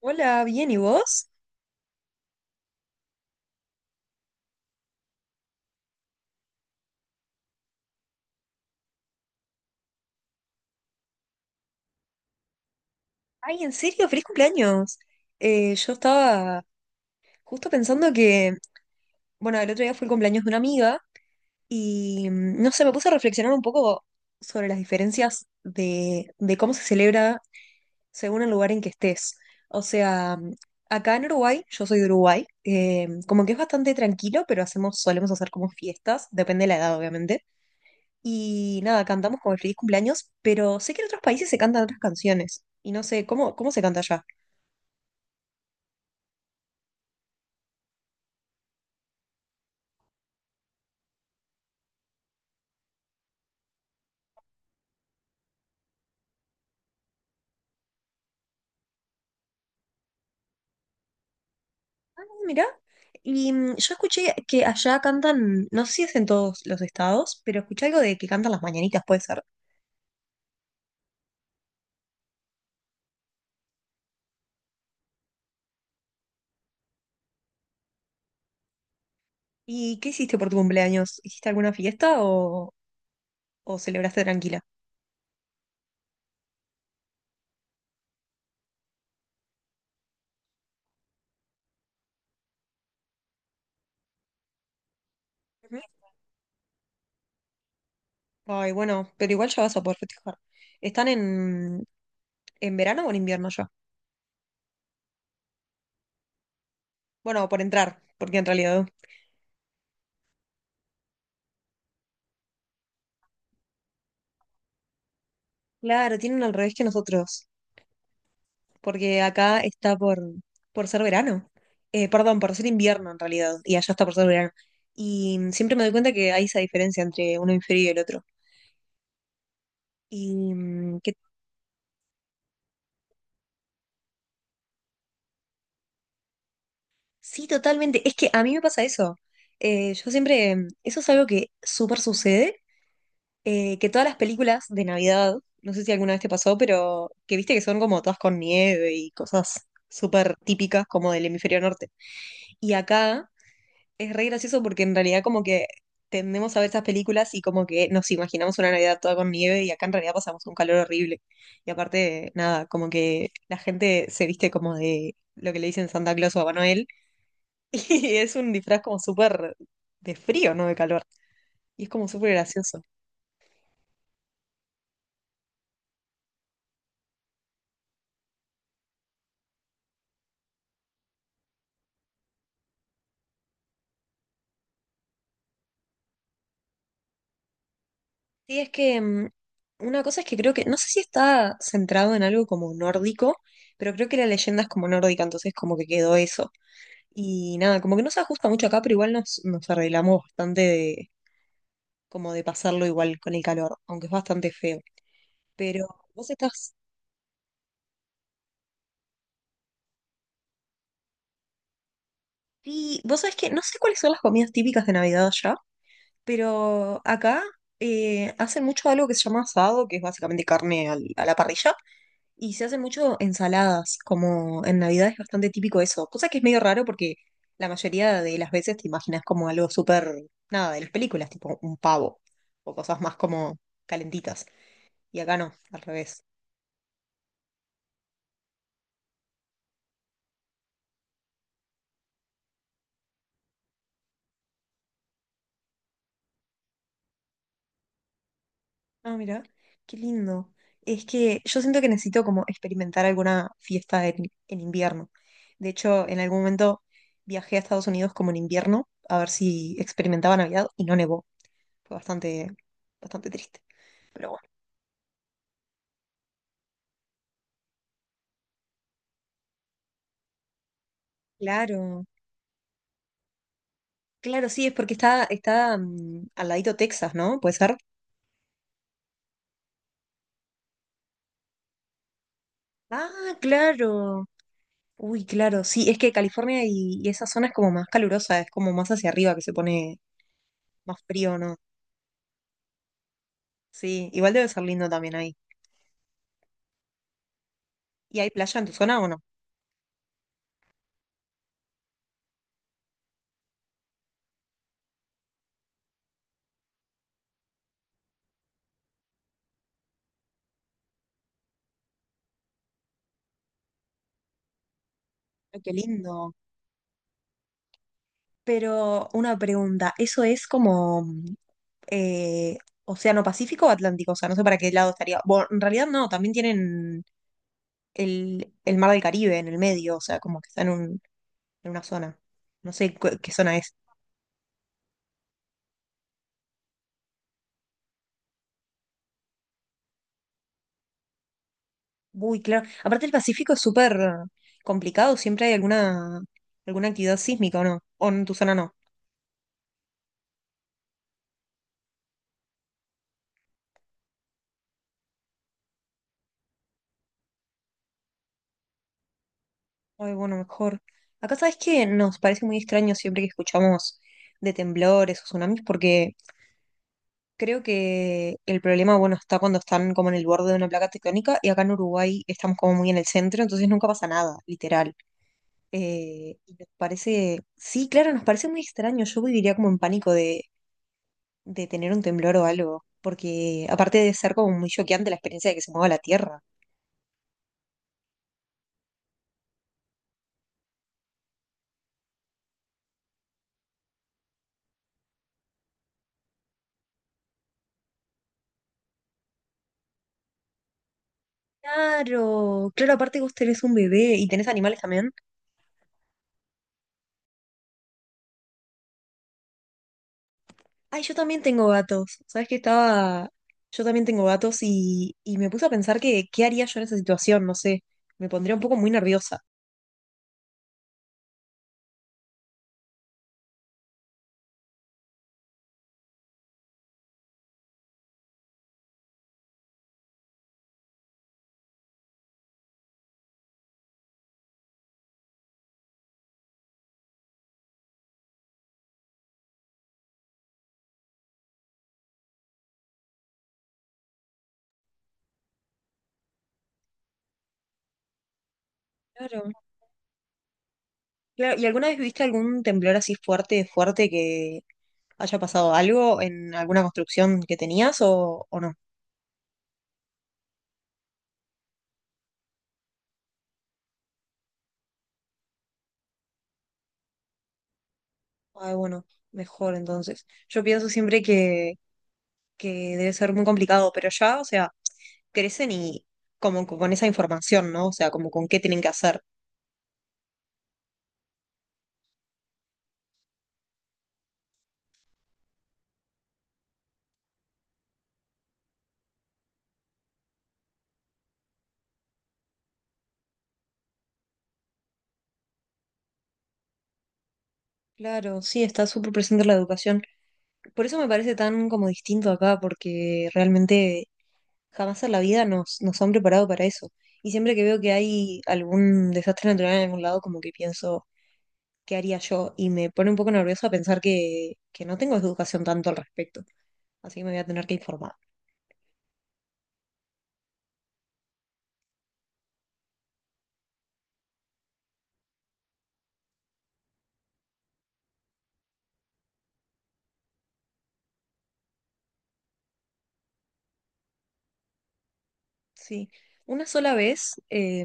Hola, bien, ¿y vos? Ay, ¿en serio? ¡Feliz cumpleaños! Yo estaba justo pensando que, bueno, el otro día fue el cumpleaños de una amiga y, no sé, me puse a reflexionar un poco sobre las diferencias de cómo se celebra según el lugar en que estés. O sea, acá en Uruguay, yo soy de Uruguay, como que es bastante tranquilo, pero solemos hacer como fiestas, depende de la edad, obviamente. Y nada, cantamos como el feliz cumpleaños, pero sé que en otros países se cantan otras canciones. Y no sé, ¿cómo se canta allá? Ah, mirá. Y yo escuché que allá cantan, no sé si es en todos los estados, pero escuché algo de que cantan las mañanitas, puede ser. ¿Y qué hiciste por tu cumpleaños? ¿Hiciste alguna fiesta o celebraste tranquila? Ujú. Ay, bueno, pero igual ya vas a poder festejar. ¿Están en verano o en invierno ya? Bueno, por entrar, porque en realidad. Claro, tienen al revés que nosotros. Porque acá está por ser verano. Perdón, por ser invierno en realidad, y allá está por ser verano. Y siempre me doy cuenta que hay esa diferencia entre un hemisferio y el otro. Y que sí, totalmente. Es que a mí me pasa eso. Yo siempre, eso es algo que súper sucede, que todas las películas de Navidad, no sé si alguna vez te pasó, pero que viste que son como todas con nieve y cosas súper típicas como del hemisferio norte. Y acá es re gracioso porque en realidad como que tendemos a ver esas películas y como que nos imaginamos una Navidad toda con nieve y acá en realidad pasamos un calor horrible. Y aparte, nada, como que la gente se viste como de lo que le dicen Santa Claus o Papá Noel y es un disfraz como súper de frío, no de calor. Y es como súper gracioso. Sí, es que una cosa es que creo que, no sé si está centrado en algo como nórdico, pero creo que la leyenda es como nórdica, entonces como que quedó eso. Y nada, como que no se ajusta mucho acá, pero igual nos arreglamos bastante de, como de pasarlo igual con el calor, aunque es bastante feo. Pero vos estás. Sí, vos sabés que no sé cuáles son las comidas típicas de Navidad allá, pero acá hacen mucho algo que se llama asado, que es básicamente carne a la parrilla, y se hacen mucho ensaladas, como en Navidad es bastante típico eso, cosa que es medio raro porque la mayoría de las veces te imaginas como algo súper, nada, de las películas, tipo un pavo o cosas más como calentitas. Y acá no, al revés. Ah, mira, qué lindo. Es que yo siento que necesito como experimentar alguna fiesta en invierno. De hecho, en algún momento viajé a Estados Unidos como en invierno a ver si experimentaba Navidad y no nevó. Fue bastante, bastante triste. Pero bueno. Claro, claro, sí, es porque está al ladito Texas, ¿no? ¿Puede ser? Ah, claro. Uy, claro, sí, es que California y esa zona es como más calurosa, es como más hacia arriba que se pone más frío, ¿no? Sí, igual debe ser lindo también ahí. ¿Y hay playa en tu zona o no? Ay, qué lindo. Pero una pregunta, ¿eso es como eh, Océano Pacífico o Atlántico? O sea, no sé para qué lado estaría. Bueno, en realidad no, también tienen el Mar del Caribe en el medio, o sea, como que está en una zona. No sé qué zona es. Uy, claro. Aparte el Pacífico es súper complicado, siempre hay alguna actividad sísmica, ¿o no? ¿O en tu zona no? Ay, bueno, mejor. Acá sabes que nos parece muy extraño siempre que escuchamos de temblores o tsunamis, porque creo que el problema, bueno, está cuando están como en el borde de una placa tectónica y acá en Uruguay estamos como muy en el centro, entonces nunca pasa nada, literal. Y nos parece, sí, claro, nos parece muy extraño. Yo viviría como en pánico de tener un temblor o algo, porque aparte de ser como muy choqueante la experiencia de que se mueva la tierra. Claro, claro, aparte vos tenés un bebé y tenés animales también. Ay, yo también tengo gatos. Sabes que estaba. Yo también tengo gatos y me puse a pensar que qué haría yo en esa situación, no sé. Me pondría un poco muy nerviosa. Claro. Claro. ¿Y alguna vez viste algún temblor así fuerte, fuerte que haya pasado algo en alguna construcción que tenías o no? Ay, bueno, mejor entonces. Yo pienso siempre que debe ser muy complicado, pero ya, o sea, crecen y como con esa información, ¿no? O sea, como con qué tienen que hacer. Claro, sí, está súper presente la educación. Por eso me parece tan como distinto acá, porque realmente jamás en la vida nos han preparado para eso. Y siempre que veo que hay algún desastre natural en algún lado, como que pienso, ¿qué haría yo? Y me pone un poco nerviosa pensar que no tengo educación tanto al respecto. Así que me voy a tener que informar. Sí. Una sola vez,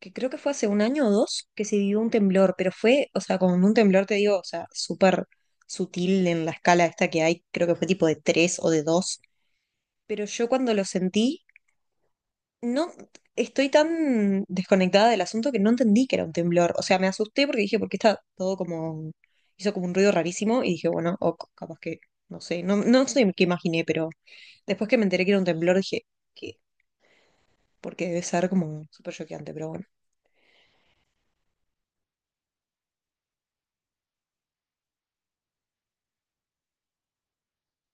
que creo que fue hace un año o dos, que se vivió un temblor, pero fue, o sea, con un temblor te digo, o sea, súper sutil en la escala esta que hay, creo que fue tipo de tres o de dos pero yo cuando lo sentí, no estoy tan desconectada del asunto que no entendí que era un temblor. O sea, me asusté porque dije, porque está todo como, hizo como un ruido rarísimo y dije, bueno, o capaz que, no sé, no, no sé qué imaginé, pero después que me enteré que era un temblor dije, ¿qué? Porque debe ser como súper choqueante, pero bueno,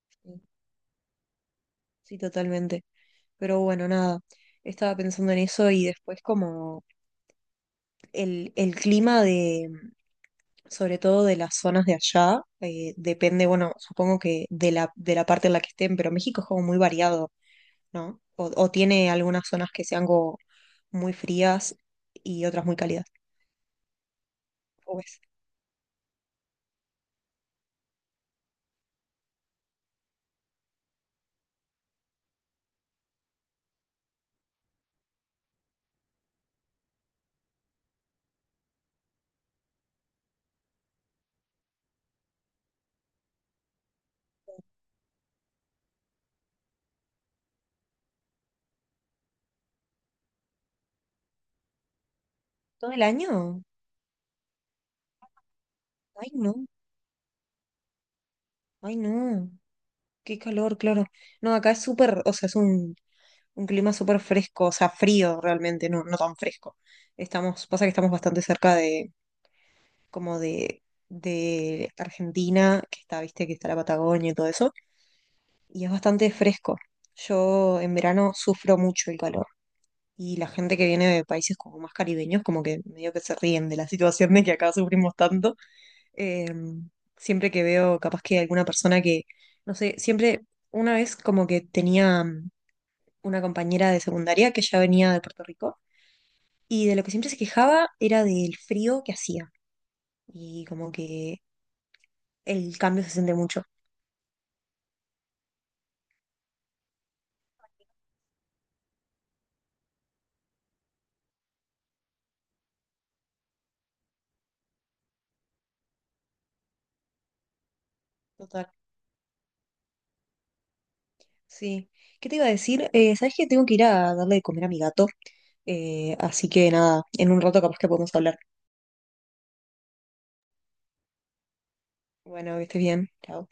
sí, sí, totalmente. Pero bueno, nada, estaba pensando en eso y después como el clima de sobre todo de las zonas de allá. Depende, bueno, supongo que de la parte en la que estén, pero México es como muy variado, ¿no? O tiene algunas zonas que sean como muy frías y otras muy cálidas. Pues, ¿todo el año? Ay, no, ay, no. Qué calor, claro. No, acá es súper, o sea, es un clima súper fresco, o sea, frío realmente, no, no tan fresco. Pasa que estamos bastante cerca como de, de Argentina, que está, viste, que está la Patagonia y todo eso. Y es bastante fresco. Yo en verano sufro mucho el calor y la gente que viene de países como más caribeños, como que medio que se ríen de la situación de que acá sufrimos tanto. Eh, siempre que veo capaz que alguna persona que, no sé, siempre una vez como que tenía una compañera de secundaria que ya venía de Puerto Rico y de lo que siempre se quejaba era del frío que hacía y como que el cambio se siente mucho. Total. Sí. ¿Qué te iba a decir? ¿Sabes que tengo que ir a darle de comer a mi gato? Así que nada, en un rato capaz que podemos hablar. Bueno, que estés bien. Chao.